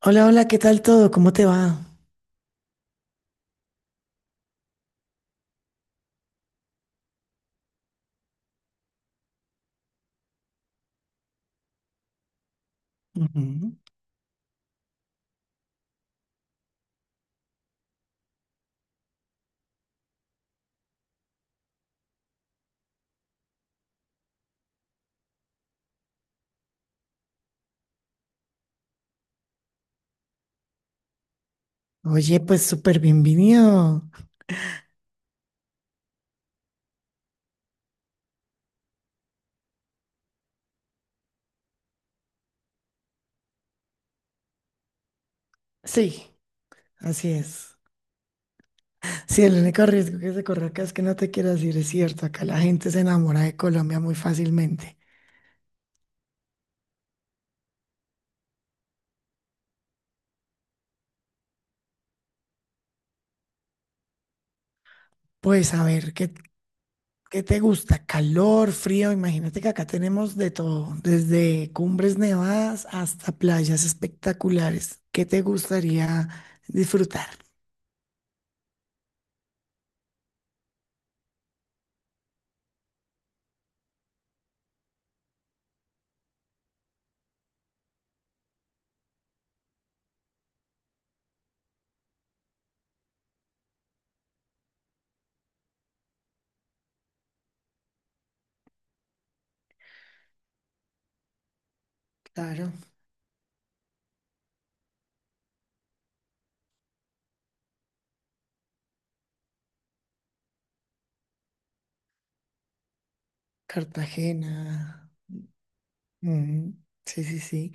Hola, hola, ¿qué tal todo? ¿Cómo te va? Ujú. Oye, pues súper bienvenido. Sí, así es. Sí, el único riesgo que se corre acá es que no te quieras ir, es cierto. Acá la gente se enamora de Colombia muy fácilmente. Pues a ver, qué te gusta? ¿Calor, frío? Imagínate que acá tenemos de todo, desde cumbres nevadas hasta playas espectaculares. ¿Qué te gustaría disfrutar? Claro, Cartagena. Ujú, sí, sí, sí.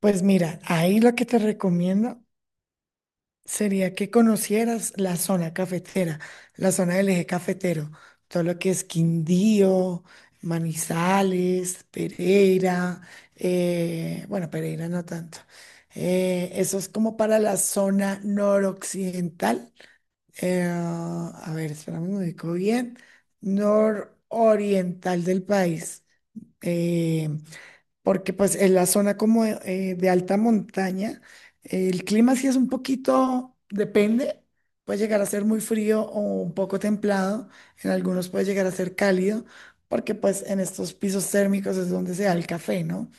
Pues mira, ahí lo que te recomiendo sería que conocieras la zona cafetera, la zona del eje cafetero, todo lo que es Quindío, Manizales, Pereira, bueno, Pereira no tanto. Eso es como para la zona noroccidental. A ver, espérame, me ubico bien. Nororiental del país. Eh, porque pues en la zona como de alta montaña, el clima sí es un poquito, depende, puede llegar a ser muy frío o un poco templado, en algunos puede llegar a ser cálido, porque pues en estos pisos térmicos es donde se da el café, ¿no?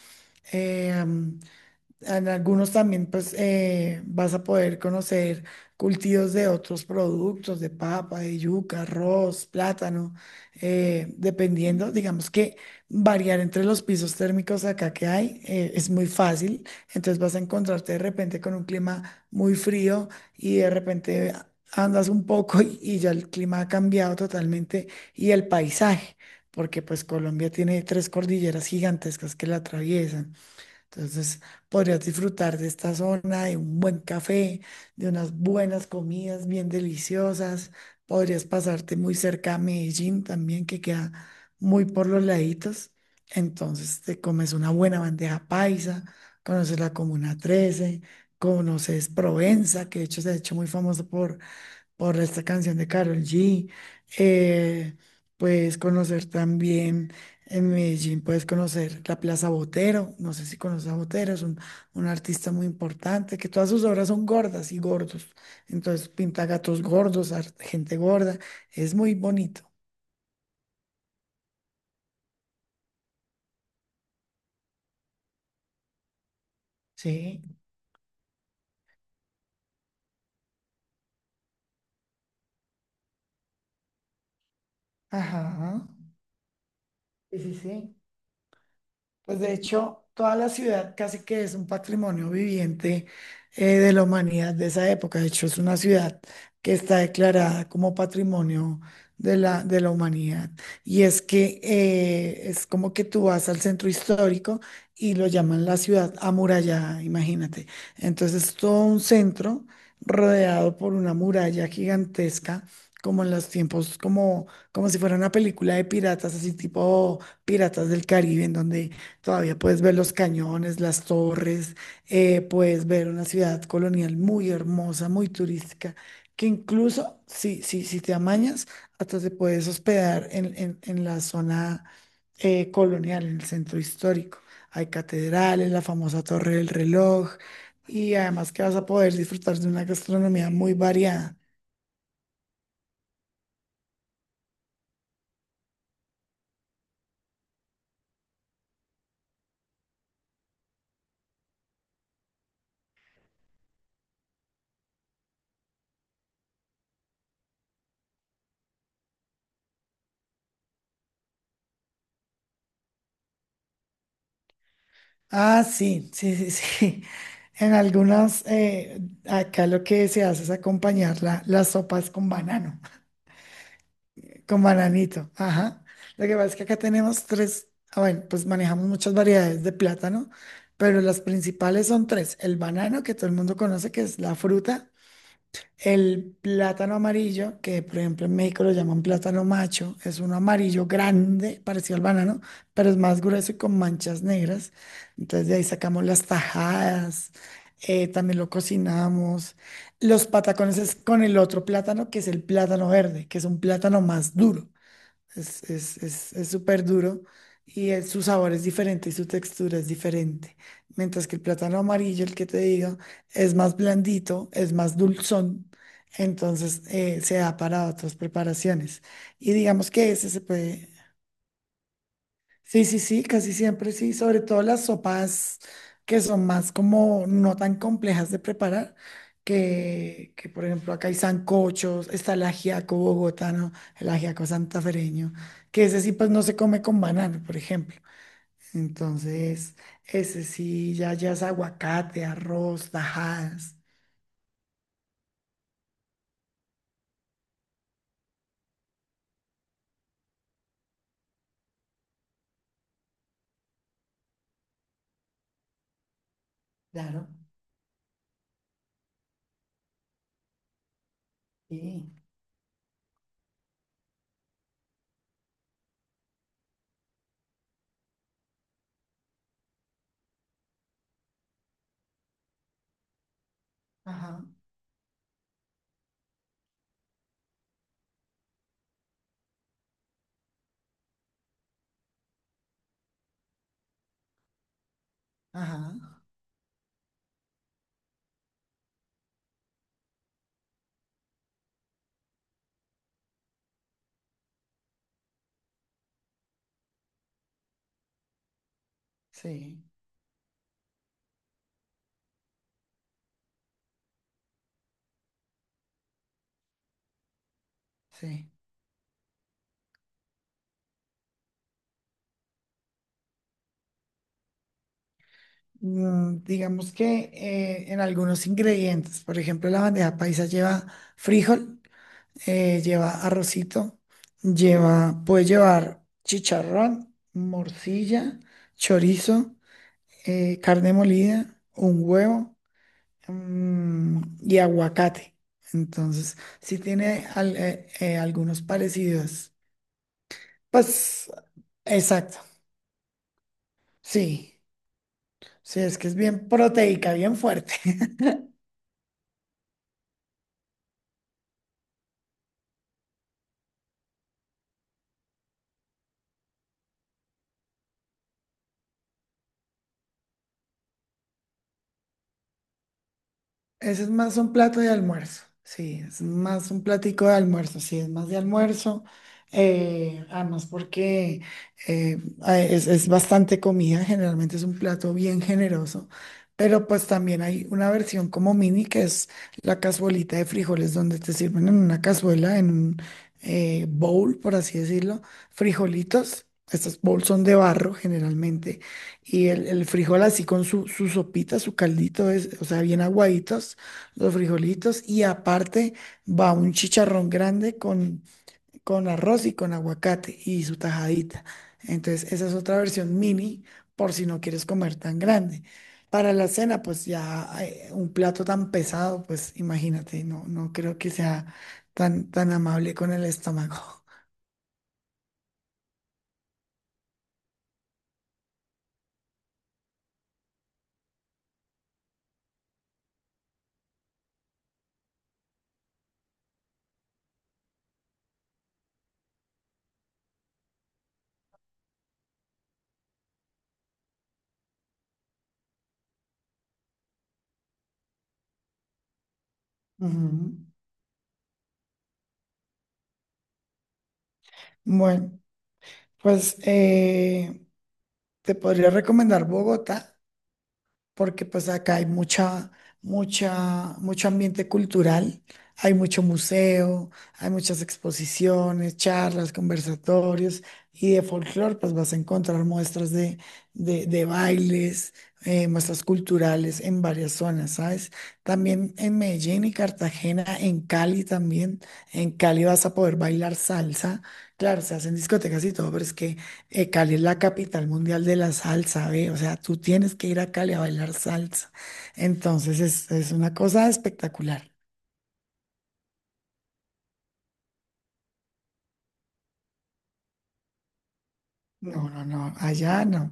En algunos también, pues, vas a poder conocer cultivos de otros productos, de papa, de yuca, arroz, plátano, dependiendo, digamos que variar entre los pisos térmicos acá que hay es muy fácil. Entonces vas a encontrarte de repente con un clima muy frío y de repente andas un poco y ya el clima ha cambiado totalmente y el paisaje, porque pues Colombia tiene tres cordilleras gigantescas que la atraviesan. Entonces, podrías disfrutar de esta zona, de un buen café, de unas buenas comidas bien deliciosas. Podrías pasarte muy cerca a Medellín también, que queda muy por los laditos. Entonces, te comes una buena bandeja paisa, conoces la Comuna 13, conoces Provenza, que de hecho se ha hecho muy famoso por esta canción de Karol G. eh, puedes conocer también en Medellín, puedes conocer la Plaza Botero. No sé si conoces a Botero, es un artista muy importante, que todas sus obras son gordas y gordos. Entonces pinta gatos gordos, gente gorda. Es muy bonito. Sí. Ajá. Sí, sí, sí. Pues de hecho, toda la ciudad casi que es un patrimonio viviente de la humanidad de esa época. De hecho, es una ciudad que está declarada como patrimonio de de la humanidad. Y es que es como que tú vas al centro histórico y lo llaman la ciudad amurallada, imagínate. Entonces, todo un centro rodeado por una muralla gigantesca, como en los tiempos, como si fuera una película de piratas, así tipo Piratas del Caribe, en donde todavía puedes ver los cañones, las torres, puedes ver una ciudad colonial muy hermosa, muy turística, que incluso si te amañas, hasta te puedes hospedar en, en la zona colonial, en el centro histórico. Hay catedrales, la famosa Torre del Reloj, y además que vas a poder disfrutar de una gastronomía muy variada. Ah, sí, sí, sí, sí. En algunas, acá lo que se hace es acompañar las sopas con banano, con bananito. Ajá. Lo que pasa es que acá tenemos tres, ah, bueno, pues manejamos muchas variedades de plátano, pero las principales son tres. El banano, que todo el mundo conoce, que es la fruta. El plátano amarillo, que por ejemplo en México lo llaman plátano macho, es un amarillo grande, parecido al banano, pero es más grueso y con manchas negras. Entonces de ahí sacamos las tajadas, también lo cocinamos. Los patacones es con el otro plátano, que es el plátano verde, que es un plátano más duro. Es súper duro y su sabor es diferente y su textura es diferente. Mientras que el plátano amarillo, el que te digo, es más blandito, es más dulzón, entonces se da para otras preparaciones. Y digamos que ese se puede. Sí, sí, sí, casi siempre sí, sobre todo las sopas que son más como no tan complejas de preparar, que por ejemplo acá hay sancochos, está el ajiaco bogotano, el ajiaco santafereño, que ese sí pues no se come con banano, por ejemplo. Entonces, ese sí ya, ya es aguacate, arroz, tajadas. Claro, sí. Ajá, ajá, sí, sí. Mm, digamos que en algunos ingredientes, por ejemplo, la bandeja paisa lleva frijol, lleva arrocito, lleva, puede llevar chicharrón, morcilla, chorizo, carne molida, un huevo, mm, y aguacate. Entonces, sí tiene algunos parecidos. Pues, exacto, sí, sí, es que es bien proteica, bien fuerte. Ese es más un plato de almuerzo, sí, es más un platico de almuerzo, sí, es más de almuerzo. Además porque es bastante comida, generalmente es un plato bien generoso, pero pues también hay una versión como mini que es la cazuelita de frijoles donde te sirven en una cazuela, en un bowl, por así decirlo, frijolitos. Estos bowls son de barro generalmente y el frijol así con su, su sopita, su caldito, es, o sea, bien aguaditos los frijolitos. Y aparte va un chicharrón grande con arroz y con aguacate y su tajadita. Entonces, esa es otra versión mini por si no quieres comer tan grande. Para la cena, pues ya un plato tan pesado, pues imagínate, no creo que sea tan amable con el estómago. Ujú. Bueno, pues te podría recomendar Bogotá, porque pues acá hay mucha, mucho ambiente cultural, hay mucho museo, hay muchas exposiciones, charlas, conversatorios, y de folclore pues vas a encontrar muestras de bailes, muestras culturales en varias zonas, ¿sabes? También en Medellín y Cartagena, en Cali también. En Cali vas a poder bailar salsa, claro, se hacen discotecas y todo, pero es que... Cali es la capital mundial de la salsa, ¿ve? O sea, tú tienes que ir a Cali a bailar salsa. Entonces es una cosa espectacular. No, no, no, allá no.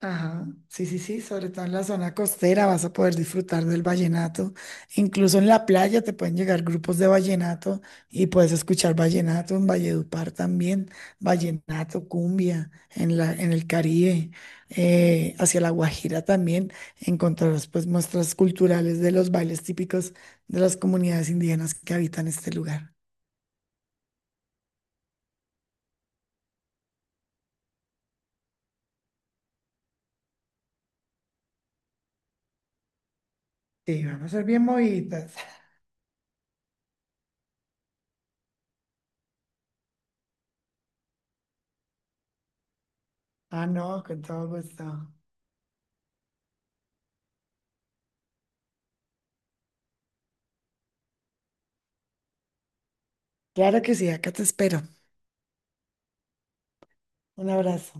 Ajá, sí, sí, sí, sobre todo en la zona costera vas a poder disfrutar del vallenato. Incluso en la playa te pueden llegar grupos de vallenato y puedes escuchar vallenato en Valledupar también, vallenato, cumbia, en en el Caribe, hacia La Guajira también encontrarás pues muestras culturales de los bailes típicos de las comunidades indígenas que habitan este lugar. Sí, vamos a ser bien movidas. Ah, no, con todo gusto. Claro que sí, acá te espero. Un abrazo.